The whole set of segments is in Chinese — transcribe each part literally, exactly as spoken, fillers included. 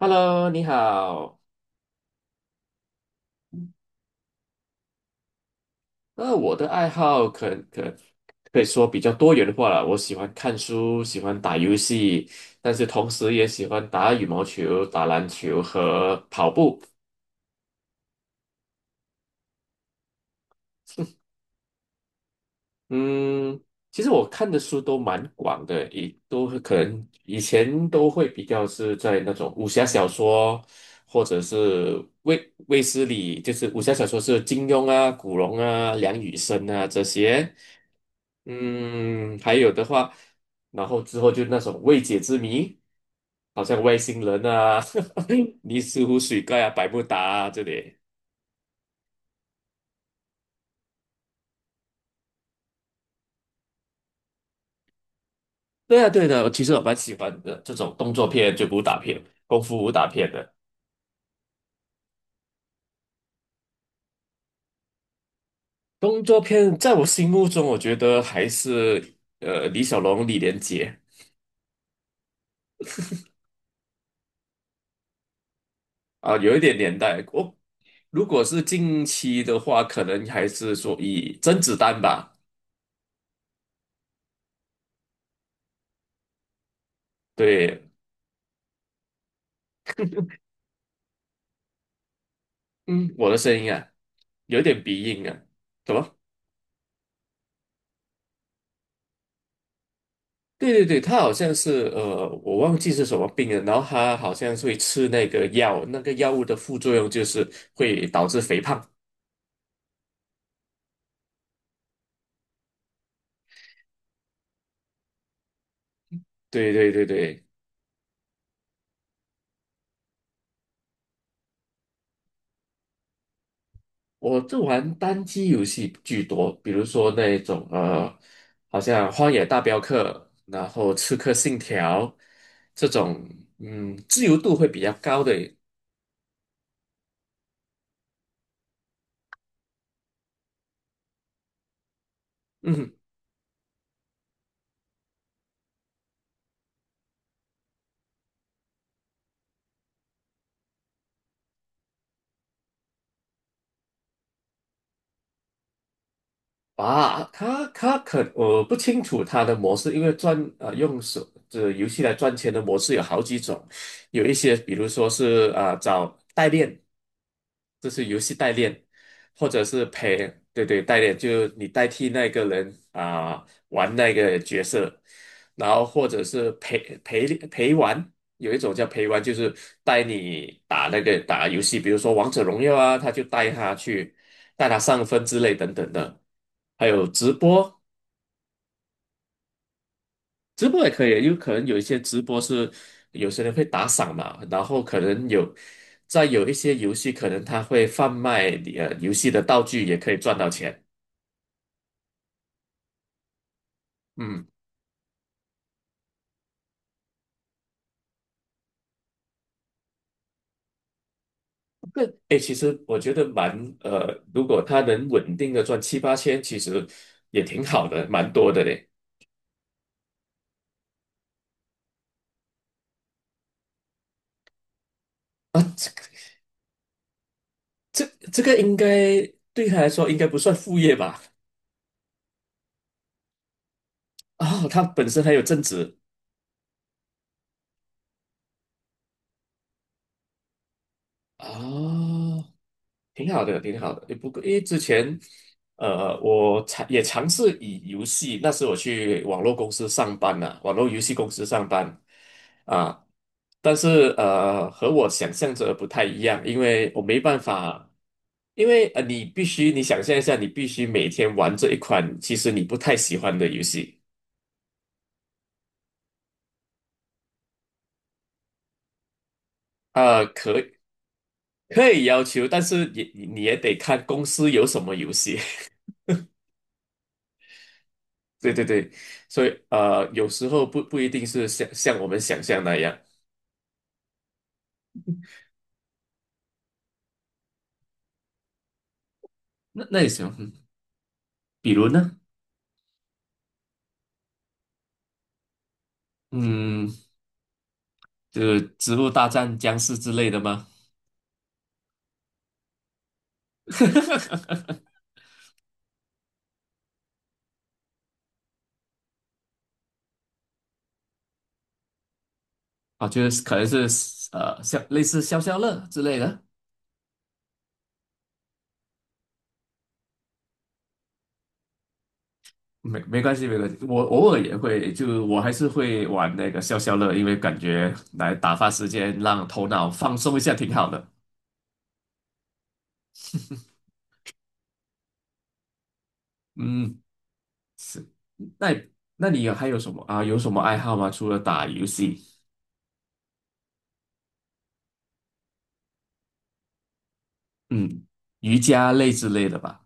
Hello，你好。那我的爱好可可可以说比较多元化了。我喜欢看书，喜欢打游戏，但是同时也喜欢打羽毛球、打篮球和跑步。嗯，其实我看的书都蛮广的，也都可能以前都会比较是在那种武侠小说，或者是卫卫斯理，就是武侠小说是金庸啊、古龙啊、梁羽生啊这些。嗯，还有的话，然后之后就那种未解之谜，好像外星人啊、尼斯湖水怪啊、百慕达啊这里。对啊，对的，我其实我蛮喜欢的这种动作片，就武打片、功夫武打片的。动作片在我心目中，我觉得还是呃李小龙、李连杰啊，有一点年代。我、如果是近期的话，可能还是说以甄子丹吧。对，嗯，我的声音啊，有一点鼻音啊，怎么？对对对，他好像是呃，我忘记是什么病了，然后他好像是会吃那个药，那个药物的副作用就是会导致肥胖。对对对对，我就玩单机游戏居多，比如说那种呃，好像《荒野大镖客》，然后《刺客信条》这种，嗯，自由度会比较高的。嗯，啊，他他可我不清楚他的模式，因为赚啊，用手这游戏来赚钱的模式有好几种，有一些比如说是啊、找代练，这是游戏代练，或者是陪对对代练，就你代替那个人啊、玩那个角色，然后或者是陪陪陪玩，有一种叫陪玩，就是带你打那个打游戏，比如说王者荣耀啊，他就带他去。大他上分之类等等的，还有直播，直播也可以，有可能有一些直播是有些人会打赏嘛，然后可能有在有一些游戏，可能他会贩卖呃游戏的道具，也可以赚到钱。嗯，这哎，其实我觉得蛮呃，如果他能稳定的赚七八千，其实也挺好的，蛮多的嘞。啊，这个这这个应该对他来说应该不算副业吧？啊，他本身还有正职。啊。挺好的，挺好的。不过因为之前，呃，我尝也尝试以游戏，那时我去网络公司上班呐、网络游戏公司上班啊，但是呃，和我想象着不太一样，因为我没办法，因为呃，你必须你想象一下，你必须每天玩这一款其实你不太喜欢的游戏啊，可可以要求，但是也你你也得看公司有什么游戏。对对对，所以呃，有时候不不一定是像像我们想象那样。那那也行，嗯比如呢？嗯，就是《植物大战僵尸》之类的吗？啊，就是可能是呃，像类似消消乐之类的。没没关系，没关系，我偶尔也会，就我还是会玩那个消消乐，因为感觉来打发时间，让头脑放松一下，挺好的。嗯，那那你有还有什么啊？有什么爱好吗？除了打游戏？嗯，瑜伽类之类的吧，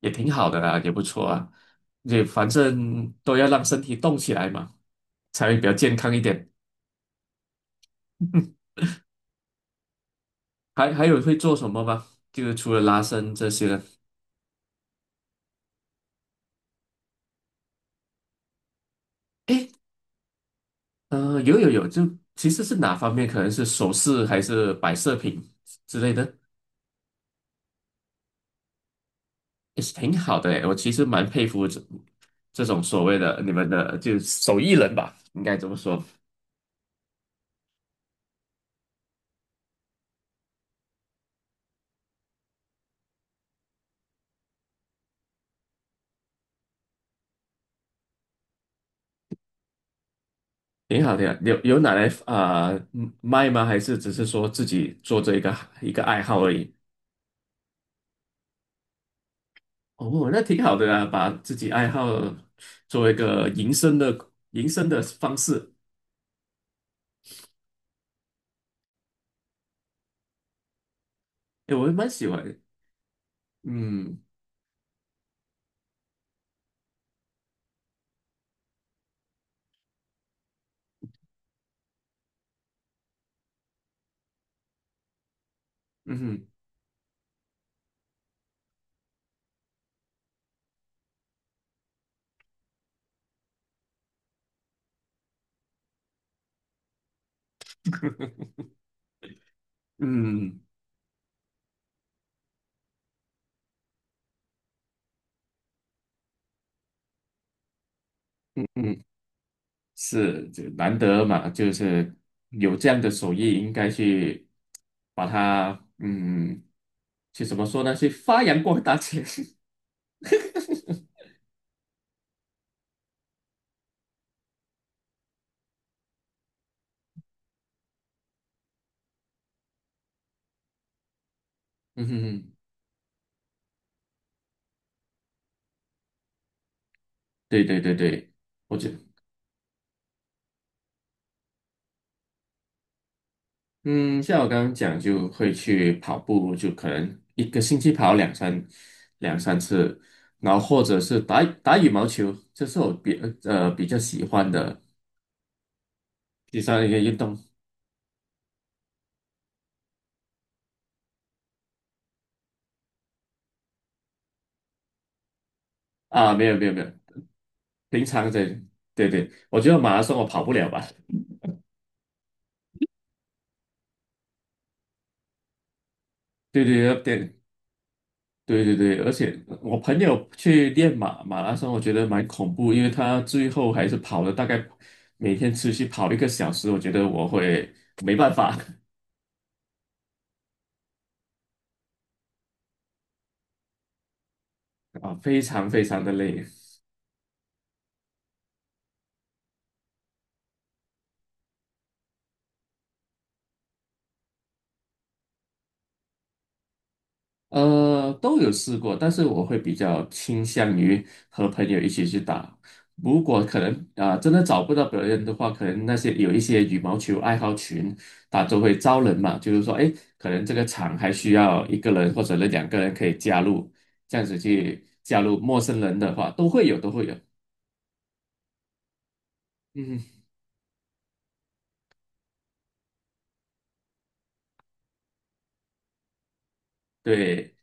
也挺好的啊，也不错啊，也反正都要让身体动起来嘛，才会比较健康一点。还还有会做什么吗？就是除了拉伸这些呢？呃，有有有，就其实是哪方面？可能是首饰还是摆设品之类的，也是挺好的诶。我其实蛮佩服这这种所谓的你们的就手艺人吧，应该这么说。挺好，挺好。有有拿来啊、嗯卖吗？还是只是说自己做这一个一个爱好而已？哦，那挺好的啊，把自己爱好作为一个营生的营生的方式，哎，我也蛮喜欢的。嗯嗯哼嗯嗯，嗯是，这难得嘛，就是有这样的手艺，应该去把它嗯，去怎么说呢？去发扬光大去。嗯哼嗯哼，对对对对。我觉得。嗯，像我刚刚讲，就会去跑步，就可能一个星期跑两三两三次，然后或者是打打羽毛球，这是我比呃比较喜欢的第三一个运动啊。没有没有没有，平常在对对，我觉得马拉松我跑不了吧？对对对对对对对，而且我朋友去练马马拉松，我觉得蛮恐怖，因为他最后还是跑了大概每天持续跑一个小时，我觉得我会没办法。啊，非常非常的累，呃，都有试过，但是我会比较倾向于和朋友一起去打。如果可能啊、真的找不到别人的话，可能那些有一些羽毛球爱好群，他都会招人嘛，就是说，哎，可能这个场还需要一个人或者两个人可以加入，这样子去加入陌生人的话，都会有，都会有。嗯，对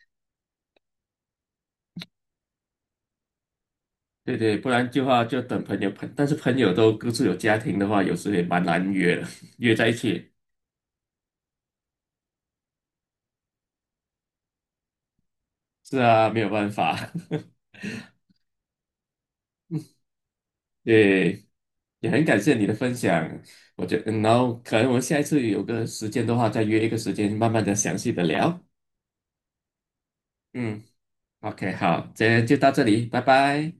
对对，不然的话就等朋友朋，但是朋友都各自有家庭的话，有时也蛮难约的，约在一起。是啊，没有办法。对，也很感谢你的分享。我觉得，嗯然后可能我们下一次有个时间的话，再约一个时间，慢慢的详细的聊。嗯，OK，好，今天就到这里，拜拜。